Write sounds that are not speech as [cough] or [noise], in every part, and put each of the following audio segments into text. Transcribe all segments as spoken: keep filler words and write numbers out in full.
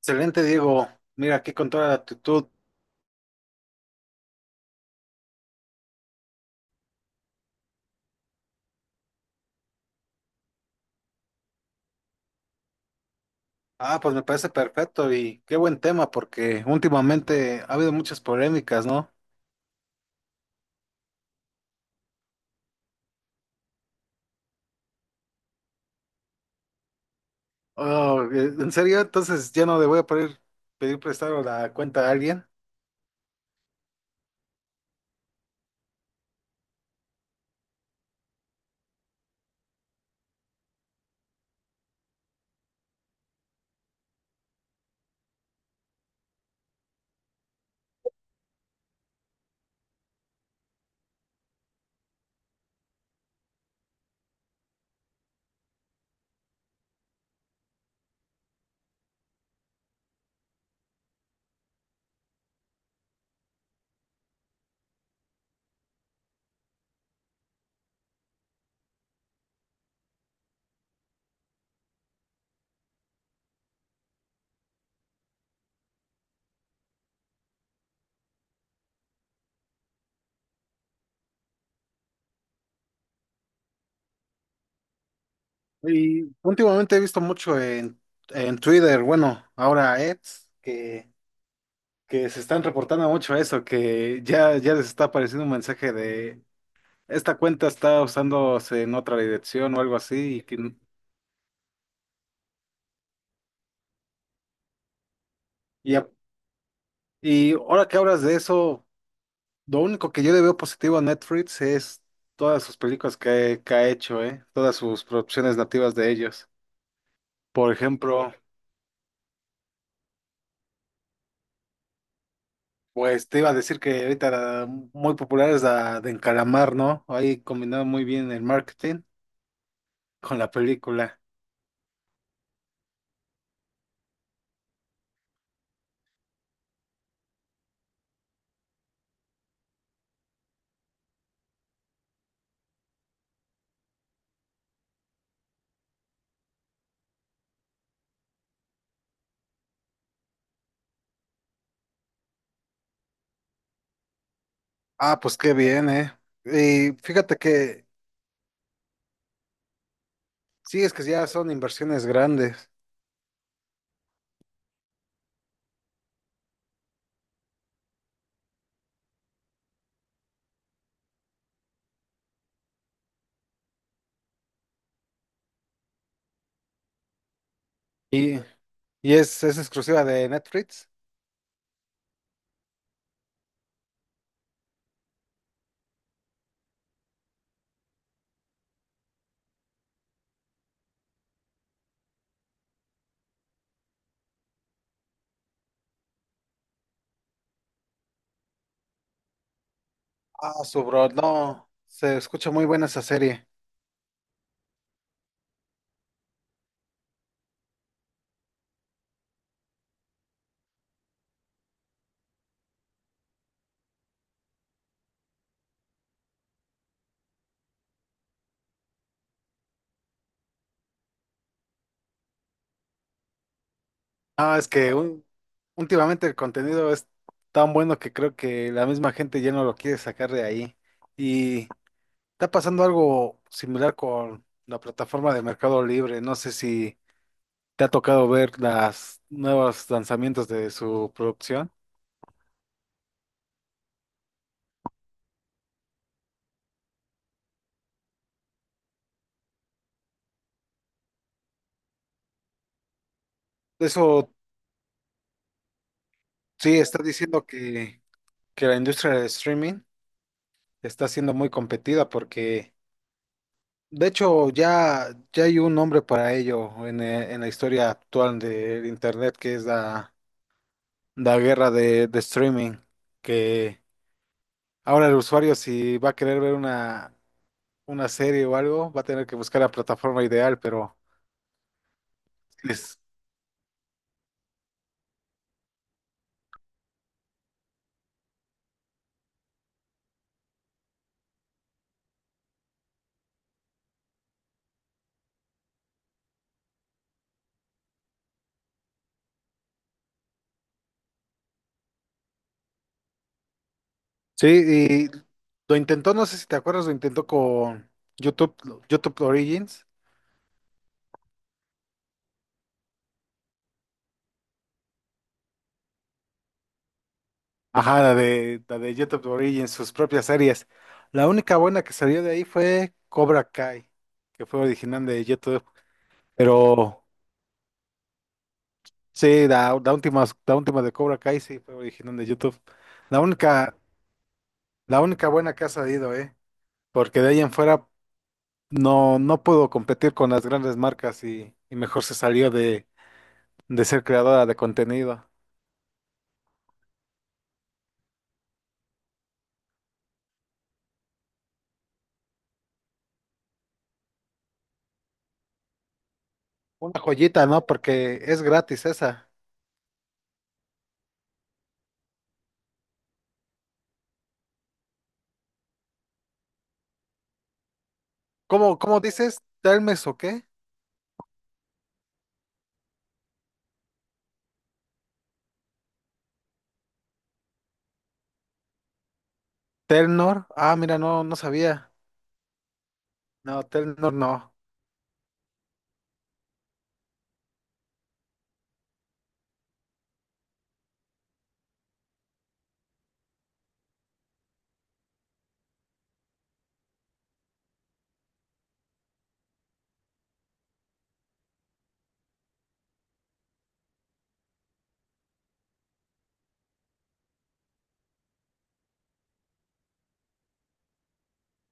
Excelente, Diego. Mira, aquí con toda la actitud. Ah, pues me parece perfecto y qué buen tema porque últimamente ha habido muchas polémicas, ¿no? Oh, eh, ¿en serio? Entonces ya no le voy a poder pedir prestado la cuenta a alguien. Y últimamente he visto mucho en, en Twitter, bueno, ahora X, que, que se están reportando mucho eso, que ya, ya les está apareciendo un mensaje de esta cuenta está usándose en otra dirección o algo así y que... Y, a- y ahora que hablas de eso... Lo único que yo le veo positivo a Netflix es todas sus películas que, que ha hecho, ¿eh? Todas sus producciones nativas de ellos. Por ejemplo, pues te iba a decir que ahorita la muy popular es la de Encalamar, ¿no? Ahí combinado muy bien el marketing con la película. Ah, pues qué bien, ¿eh? Y fíjate que sí, es que ya son inversiones grandes. Y, y es, es exclusiva de Netflix. Ah, su bro, no, se escucha muy buena esa serie. Ah, es que un- últimamente el contenido es tan bueno que creo que la misma gente ya no lo quiere sacar de ahí. Y está pasando algo similar con la plataforma de Mercado Libre. No sé si te ha tocado ver las nuevos lanzamientos de su producción. Eso sí, está diciendo que, que la industria del streaming está siendo muy competida porque, de hecho, ya, ya hay un nombre para ello en, eh, en la historia actual del Internet que es la... La guerra de, de streaming, que ahora el usuario si va a querer ver una, una serie o algo, va a tener que buscar la plataforma ideal, pero es- sí, y lo intentó, no sé si te acuerdas, lo intentó con YouTube, YouTube Origins. Ajá, la de, la de YouTube Origins, sus propias series. La única buena que salió de ahí fue Cobra Kai, que fue original de YouTube. Pero sí, la, la última, la última de Cobra Kai sí fue original de YouTube. La única, La única buena que ha salido, ¿eh? Porque de ahí en fuera no, no pudo competir con las grandes marcas y, y mejor se salió de, de ser creadora de contenido. Una joyita, ¿no? Porque es gratis esa. ¿Cómo, cómo dices? ¿Telmes o qué? ¿Telnor? Ah, mira, no, no sabía. No, Telnor no.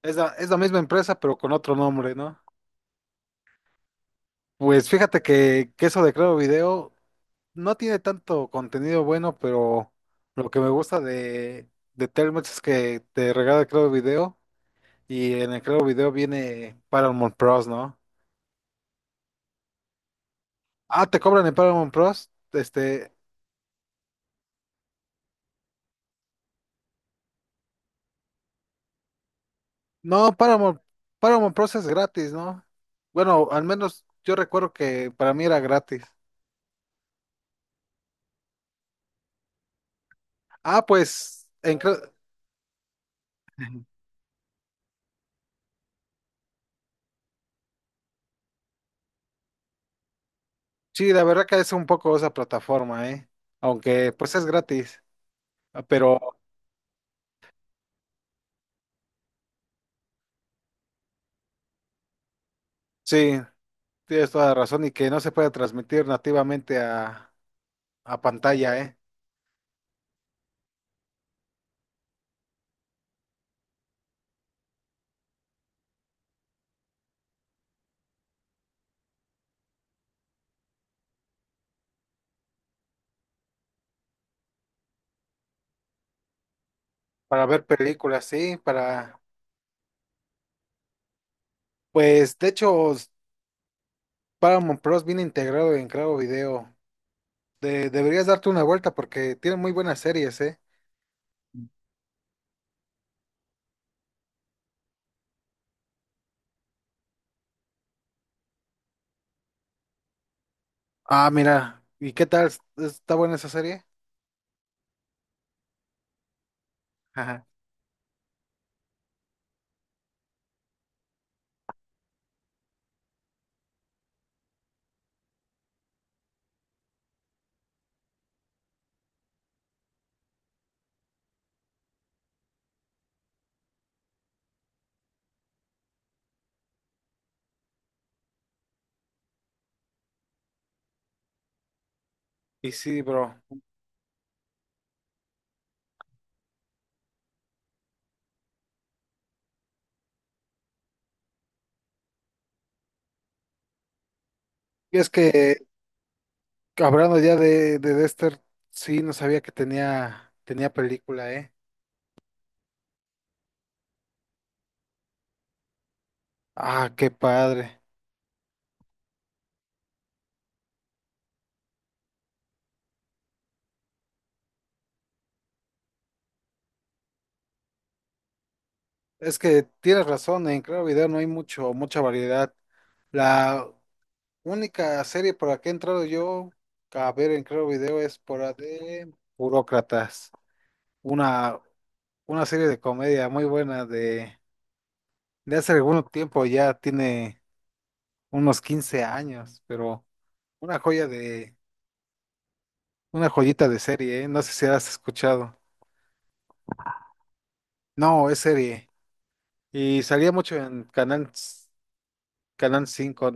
Es la, es la misma empresa, pero con otro nombre, ¿no? Pues fíjate que, que eso de Creo Video no tiene tanto contenido bueno, pero lo que me gusta de, de Telmex es que te regala Claro Video y en el Claro Video viene Paramount Plus, ¿no? Ah, ¿te cobran en Paramount Plus? Este, no, Paramount, Paramount Plus es gratis, ¿no? Bueno, al menos yo recuerdo que para mí era gratis. Ah, pues, en, Cla- sí, la verdad que es un poco esa plataforma, ¿eh? Aunque pues es gratis, ah, pero sí. Tienes toda la razón y que no se puede transmitir nativamente a, a pantalla, ¿eh? Para ver películas, sí, para... Pues, de hecho, s- Paramount Plus viene integrado en Claro Video. De- deberías darte una vuelta porque tiene muy buenas series, ¿eh? Ah, mira, ¿y qué tal? ¿Está buena esa serie? Ajá. Y sí, bro. Y es que, hablando ya de, de Dexter, sí, no sabía que tenía, tenía película, ¿eh? Ah, qué padre. Es que tienes razón, en Claro Video no hay mucho, mucha variedad. La única serie por la que he entrado yo a ver en Claro Video es por la de Burócratas, una, una serie de comedia muy buena de, de hace algún tiempo, ya tiene unos quince años, pero una joya de, una joyita de serie, ¿eh? No sé si has escuchado. No, es serie. Y salía mucho en Canal Canal Cinco,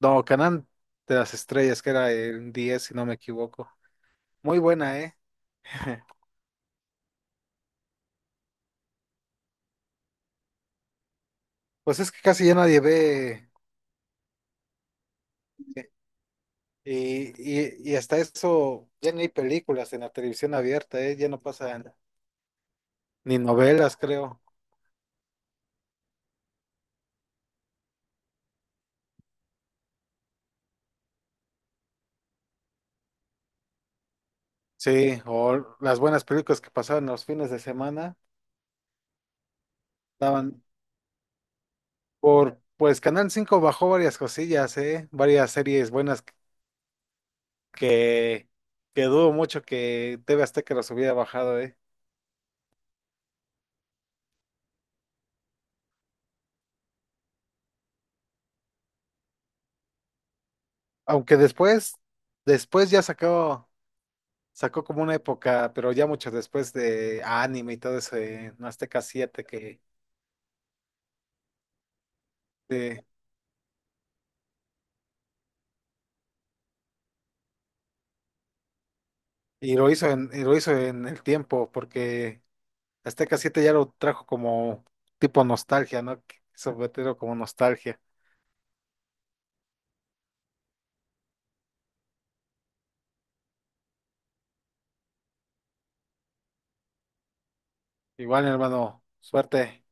no, Canal de las Estrellas, que era el diez si no me equivoco. Muy buena, ¿eh? [laughs] Pues es que casi ya nadie ve, eh, y, y, y hasta eso, ya ni hay películas en la televisión abierta, ¿eh? Ya no pasan ni novelas, creo. Sí, o las buenas películas que pasaban los fines de semana, daban por, pues Canal Cinco bajó varias cosillas, ¿eh? Varias series buenas que, que dudo mucho que T V Azteca los hubiera bajado, ¿eh? Aunque después, después ya sacó, sacó como una época, pero ya mucho después de anime y todo eso en Azteca siete que de- y lo hizo en, y lo hizo en el tiempo, porque Azteca siete ya lo trajo como tipo nostalgia, ¿no? Sobre todo como nostalgia. Igual, hermano, suerte.